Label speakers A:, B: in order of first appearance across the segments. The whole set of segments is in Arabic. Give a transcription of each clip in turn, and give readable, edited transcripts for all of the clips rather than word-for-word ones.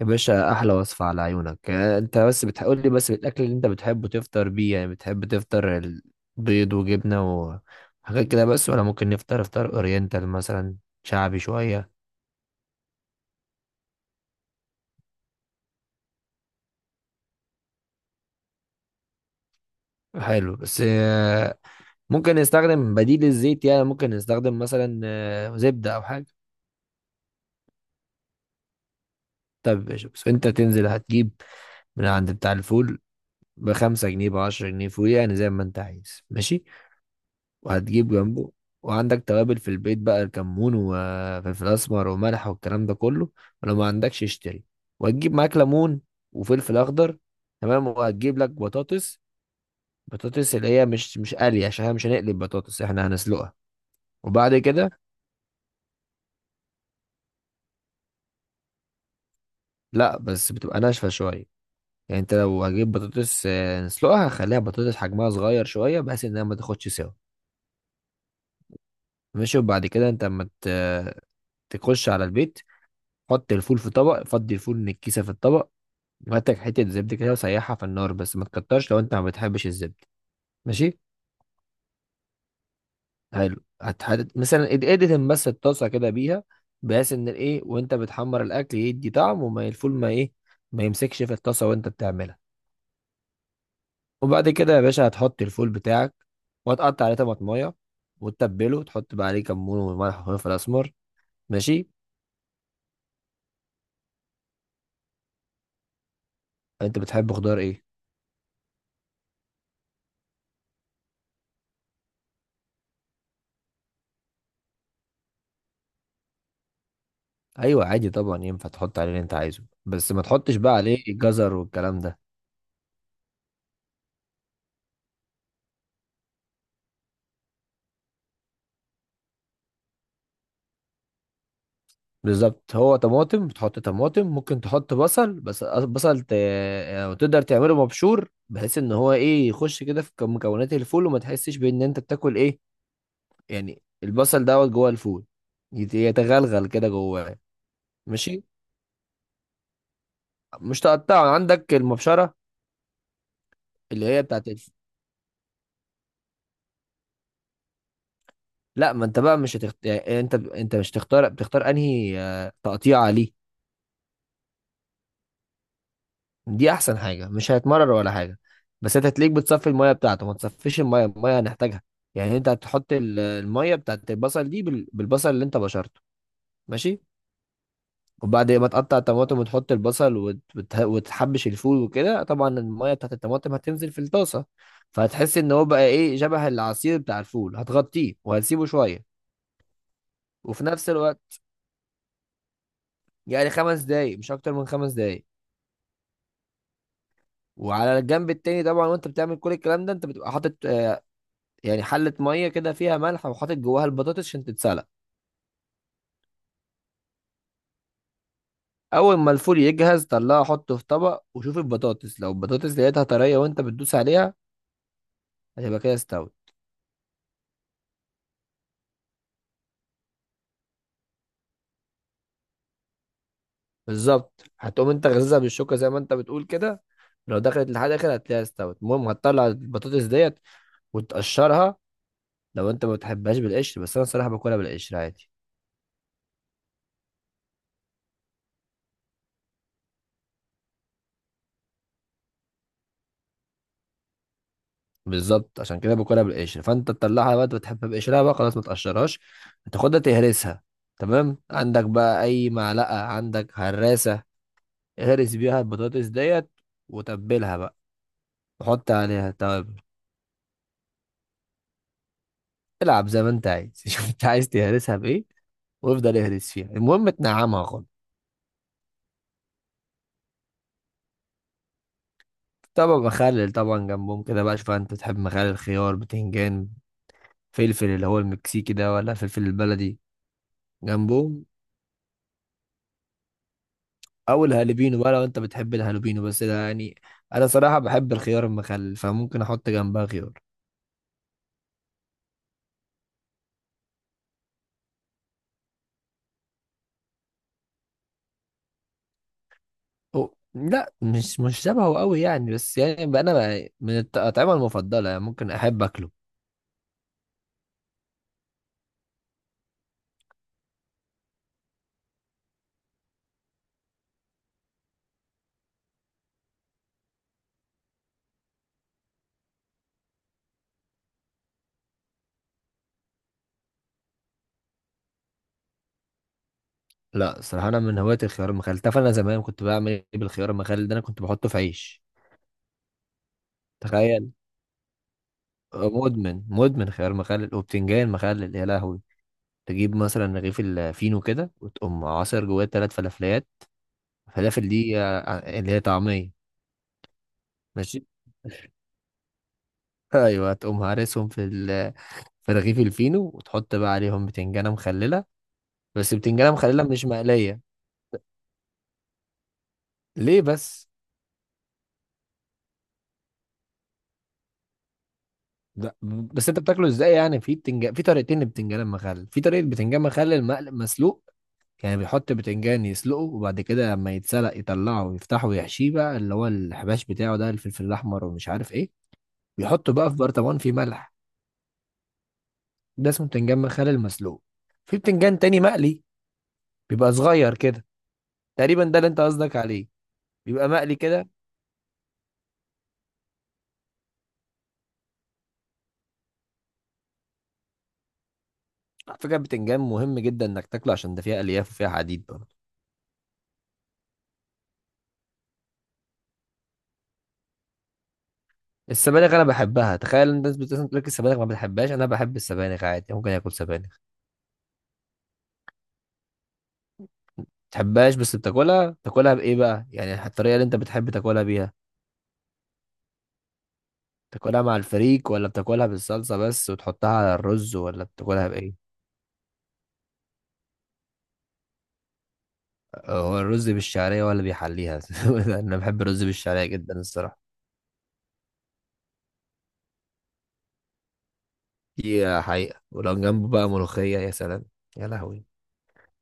A: يا باشا احلى وصفة على عيونك. انت بس بتقول لي بس الاكل اللي انت بتحبه تفطر بيه. يعني بتحب تفطر البيض وجبنة وحاجات كده بس، ولا ممكن نفطر افطار اورينتال مثلا؟ شعبي شوية. حلو، بس ممكن نستخدم بديل الزيت. يعني ممكن نستخدم مثلا زبدة او حاجة. طب يا باشا، بس انت تنزل هتجيب من عند بتاع الفول ب5 جنيه ب10 جنيه فول، يعني زي ما انت عايز. ماشي. وهتجيب جنبه. وعندك توابل في البيت بقى: كمون وفلفل اسمر وملح والكلام ده كله، ولو ما عندكش اشتري. وهتجيب معاك ليمون وفلفل اخضر. تمام. وهتجيب لك بطاطس، بطاطس اللي هي مش قلي، عشان احنا مش هنقلب بطاطس، احنا هنسلقها. وبعد كده، لا بس بتبقى ناشفه شويه. يعني انت لو هجيب بطاطس نسلقها، هخليها بطاطس حجمها صغير شويه بحيث انها ما تاخدش سوا. ماشي. وبعد كده انت اما تخش على البيت، حط الفول في طبق فضي، الفول من الكيسه في الطبق. هاتك حتة زبدة كده وسيحها في النار، بس ما تكترش لو انت ما بتحبش الزبدة. ماشي. حلو. هتحدد مثلا ادهن بس الطاسة كده بيها، بحيث ان الايه، وانت بتحمر الاكل يدي طعم وما الفول ما ايه، ما يمسكش في الطاسة وانت بتعملها. وبعد كده يا باشا هتحط الفول بتاعك، وهتقطع عليه طماطمايه وتتبله، وتحط بقى عليه كمون وملح وفلفل اسمر. ماشي. انت بتحب خضار ايه؟ ايوه، عادي طبعا ينفع تحط عليه اللي انت عايزه، بس ما تحطش بقى عليه جزر والكلام ده. بالظبط. هو طماطم، بتحط طماطم، ممكن تحط بصل، بس بصل يعني تقدر تعمله مبشور، بحيث ان هو ايه، يخش كده في مكونات الفول وما تحسش بان انت بتاكل ايه. يعني البصل دوت جوه الفول يتغلغل كده جواه. ماشي. مش تقطعه، عندك المبشره اللي هي بتاعت الف... لا، ما انت بقى مش هتخت... يعني انت مش تختار، بتختار انهي تقطيعه. ليه، دي احسن حاجه، مش هيتمرر ولا حاجه. بس انت هتلاقيك بتصفي الميه بتاعته، ما تصفيش الميه، الميه هنحتاجها. يعني انت هتحط الميه بتاعت البصل دي بالبصل اللي انت بشرته. ماشي. وبعد ما تقطع الطماطم وتحط البصل وتحبش الفول وكده، طبعا الميه بتاعت الطماطم هتنزل في الطاسه. فهتحس ان هو بقى ايه، شبه العصير بتاع الفول، هتغطيه وهتسيبه شويه. وفي نفس الوقت يعني 5 دقايق، مش اكتر من 5 دقايق. وعلى الجنب التاني طبعا، وانت بتعمل كل الكلام ده، انت بتبقى حاطط يعني حلة مية كده فيها ملح، وحاطط جواها البطاطس عشان تتسلق. أول ما الفول يجهز، طلعه حطه في طبق، وشوف البطاطس. لو البطاطس لقيتها طرية وأنت بتدوس عليها، هتبقى كده استوت. بالظبط. هتقوم أنت غزها بالشوكة زي ما أنت بتقول كده، لو دخلت لحد آخر هتلاقيها استوت. المهم هتطلع البطاطس ديت وتقشرها، لو أنت ما بتحبهاش بالقشر، بس أنا صراحة باكلها بالقشر عادي. بالظبط، عشان كده باكلها بالقشر. فانت تطلعها بقى، انت بتحبها بقشرها بقى خلاص، ما تقشرهاش. هتاخدها تهرسها. تمام. عندك بقى اي معلقه، عندك هراسه، اهرس بيها البطاطس ديت وتبلها بقى. وحط عليها، طب العب زي ما انت عايز. شوف انت عايز تهرسها بايه، وافضل اهرس فيها، المهم تنعمها خالص. طبعا مخلل، طبعا جنبهم كده بقى. شوف، انت بتحب مخلل خيار، بتنجان، فلفل اللي هو المكسيكي ده، ولا فلفل البلدي؟ جنبهم. او الهالوبينو بقى، لو انت بتحب الهالوبينو، بس ده يعني انا صراحه بحب الخيار المخلل، فممكن احط جنبها خيار. أو لا، مش شبهه قوي يعني، بس يعني بقى انا بقى من الاطعمه المفضله، يعني ممكن احب اكله. لا، صراحه انا من هواة الخيار المخلل. تعرف انا زمان كنت بعمل ايه بالخيار المخلل ده؟ انا كنت بحطه في عيش. تخيل. مدمن خيار مخلل وبتنجان مخلل، يا لهوي. تجيب مثلا رغيف الفينو كده وتقوم عصر جواه 3 فلافليات. الفلافل دي اللي هي طعميه. ماشي. ايوه، تقوم هارسهم في في رغيف الفينو، وتحط بقى عليهم بتنجانه مخلله، بس بتنجانه مخلله مش مقليه. ليه بس؟ ده بس انت بتاكله ازاي يعني؟ في بتنجان، في طريقتين للبتنجان المخلل: في طريقه بتنجان مخلل مقلي مسلوق. يعني بيحط بتنجان يسلقه، وبعد كده لما يتسلق يطلعه ويفتحه ويحشيه بقى اللي هو الحباش بتاعه، ده الفلفل الاحمر ومش عارف ايه. بيحطه بقى في برطمان فيه ملح، ده اسمه بتنجان مخلل مسلوق. في بتنجان تاني مقلي، بيبقى صغير كده تقريبا، ده اللي انت قصدك عليه. بيبقى مقلي كده. على فكرة بتنجان مهم جدا انك تاكله، عشان ده فيها الياف وفيها حديد برضه. السبانخ انا بحبها. تخيل إن الناس بتقول لك السبانخ ما بتحبهاش، انا بحب السبانخ عادي، ممكن اكل سبانخ. ما بتحبهاش بس بتاكلها؟ تاكلها بايه بقى يعني؟ الطريقة اللي انت بتحب تاكلها بيها، تاكلها مع الفريك، ولا بتاكلها بالصلصة بس وتحطها على الرز، ولا بتاكلها بايه؟ هو الرز بالشعرية، ولا بيحليها؟ انا بحب الرز بالشعرية جدا الصراحة. دي حقيقة، ولو جنبه بقى ملوخية، يا سلام. يا لهوي،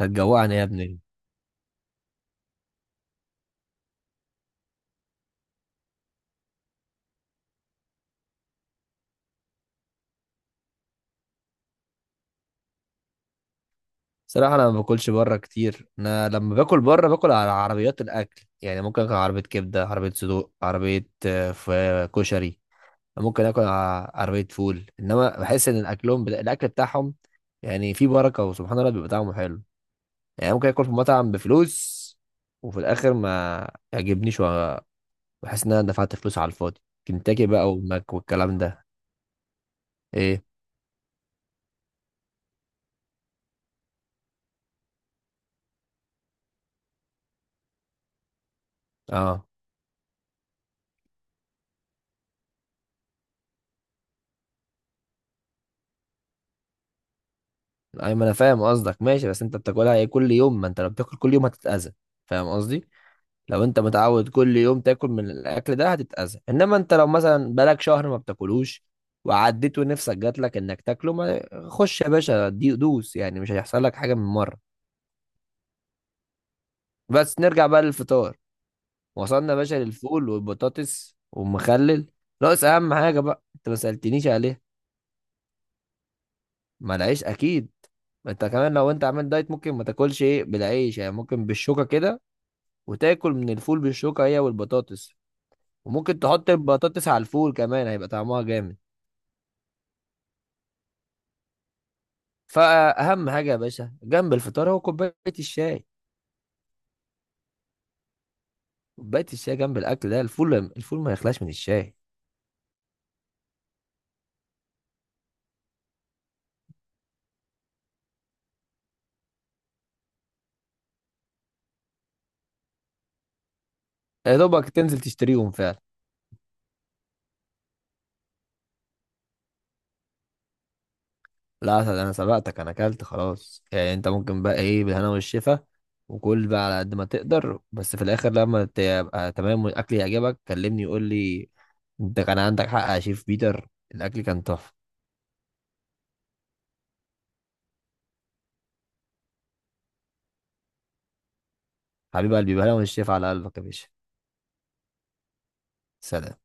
A: هتجوعني يا ابني. صراحة أنا ما باكلش بره كتير. أنا لما باكل بره باكل على عربيات الأكل. يعني ممكن آكل عربية كبدة، عربية صدوق، عربية كشري، ممكن آكل عربية فول. إنما بحس إن الأكل بتاعهم يعني فيه بركة، وسبحان الله بيبقى طعمه حلو. يعني ممكن آكل في مطعم بفلوس، وفي الآخر ما يعجبنيش، وبحس إن أنا دفعت فلوس على الفاضي. كنتاكي بقى وماك والكلام ده. إيه؟ أه. أيوة، ما أنا فاهم قصدك. ماشي. بس أنت بتاكلها إيه كل يوم؟ ما أنت لو بتاكل كل يوم هتتأذى، فاهم قصدي؟ لو انت متعود كل يوم تاكل من الاكل ده هتتأذى، انما انت لو مثلا بقالك شهر ما بتاكلوش وعديت ونفسك جات لك انك تاكله، ما خش يا باشا دي دوس، يعني مش هيحصل لك حاجه من مره. بس نرجع بقى للفطار. وصلنا يا باشا للفول والبطاطس والمخلل. ناقص اهم حاجه بقى، انت ما سالتنيش عليها. ما العيش اكيد. ما انت كمان لو انت عامل دايت ممكن ما تاكلش ايه بالعيش، يعني ممكن بالشوكه كده، وتاكل من الفول بالشوكه هي والبطاطس. وممكن تحط البطاطس على الفول، كمان هيبقى طعمها جامد. فاهم حاجه يا باشا جنب الفطار؟ هو كوبايه الشاي. كوبايه الشاي جنب الاكل ده، الفول، الفول ما يخلاش من الشاي. يا دوبك تنزل تشتريهم فعلا. لا أسد، انا سبقتك، انا اكلت خلاص. يعني انت ممكن بقى ايه بالهنا والشفا، وكل بقى على قد ما تقدر، بس في الاخر لما تبقى تمام والاكل يعجبك كلمني، يقول لي: انت كان عندك حق يا شيف بيتر، الاكل كان تحفه. حبيب قلبي، بالهنا والشفا على قلبك يا باشا. سلام.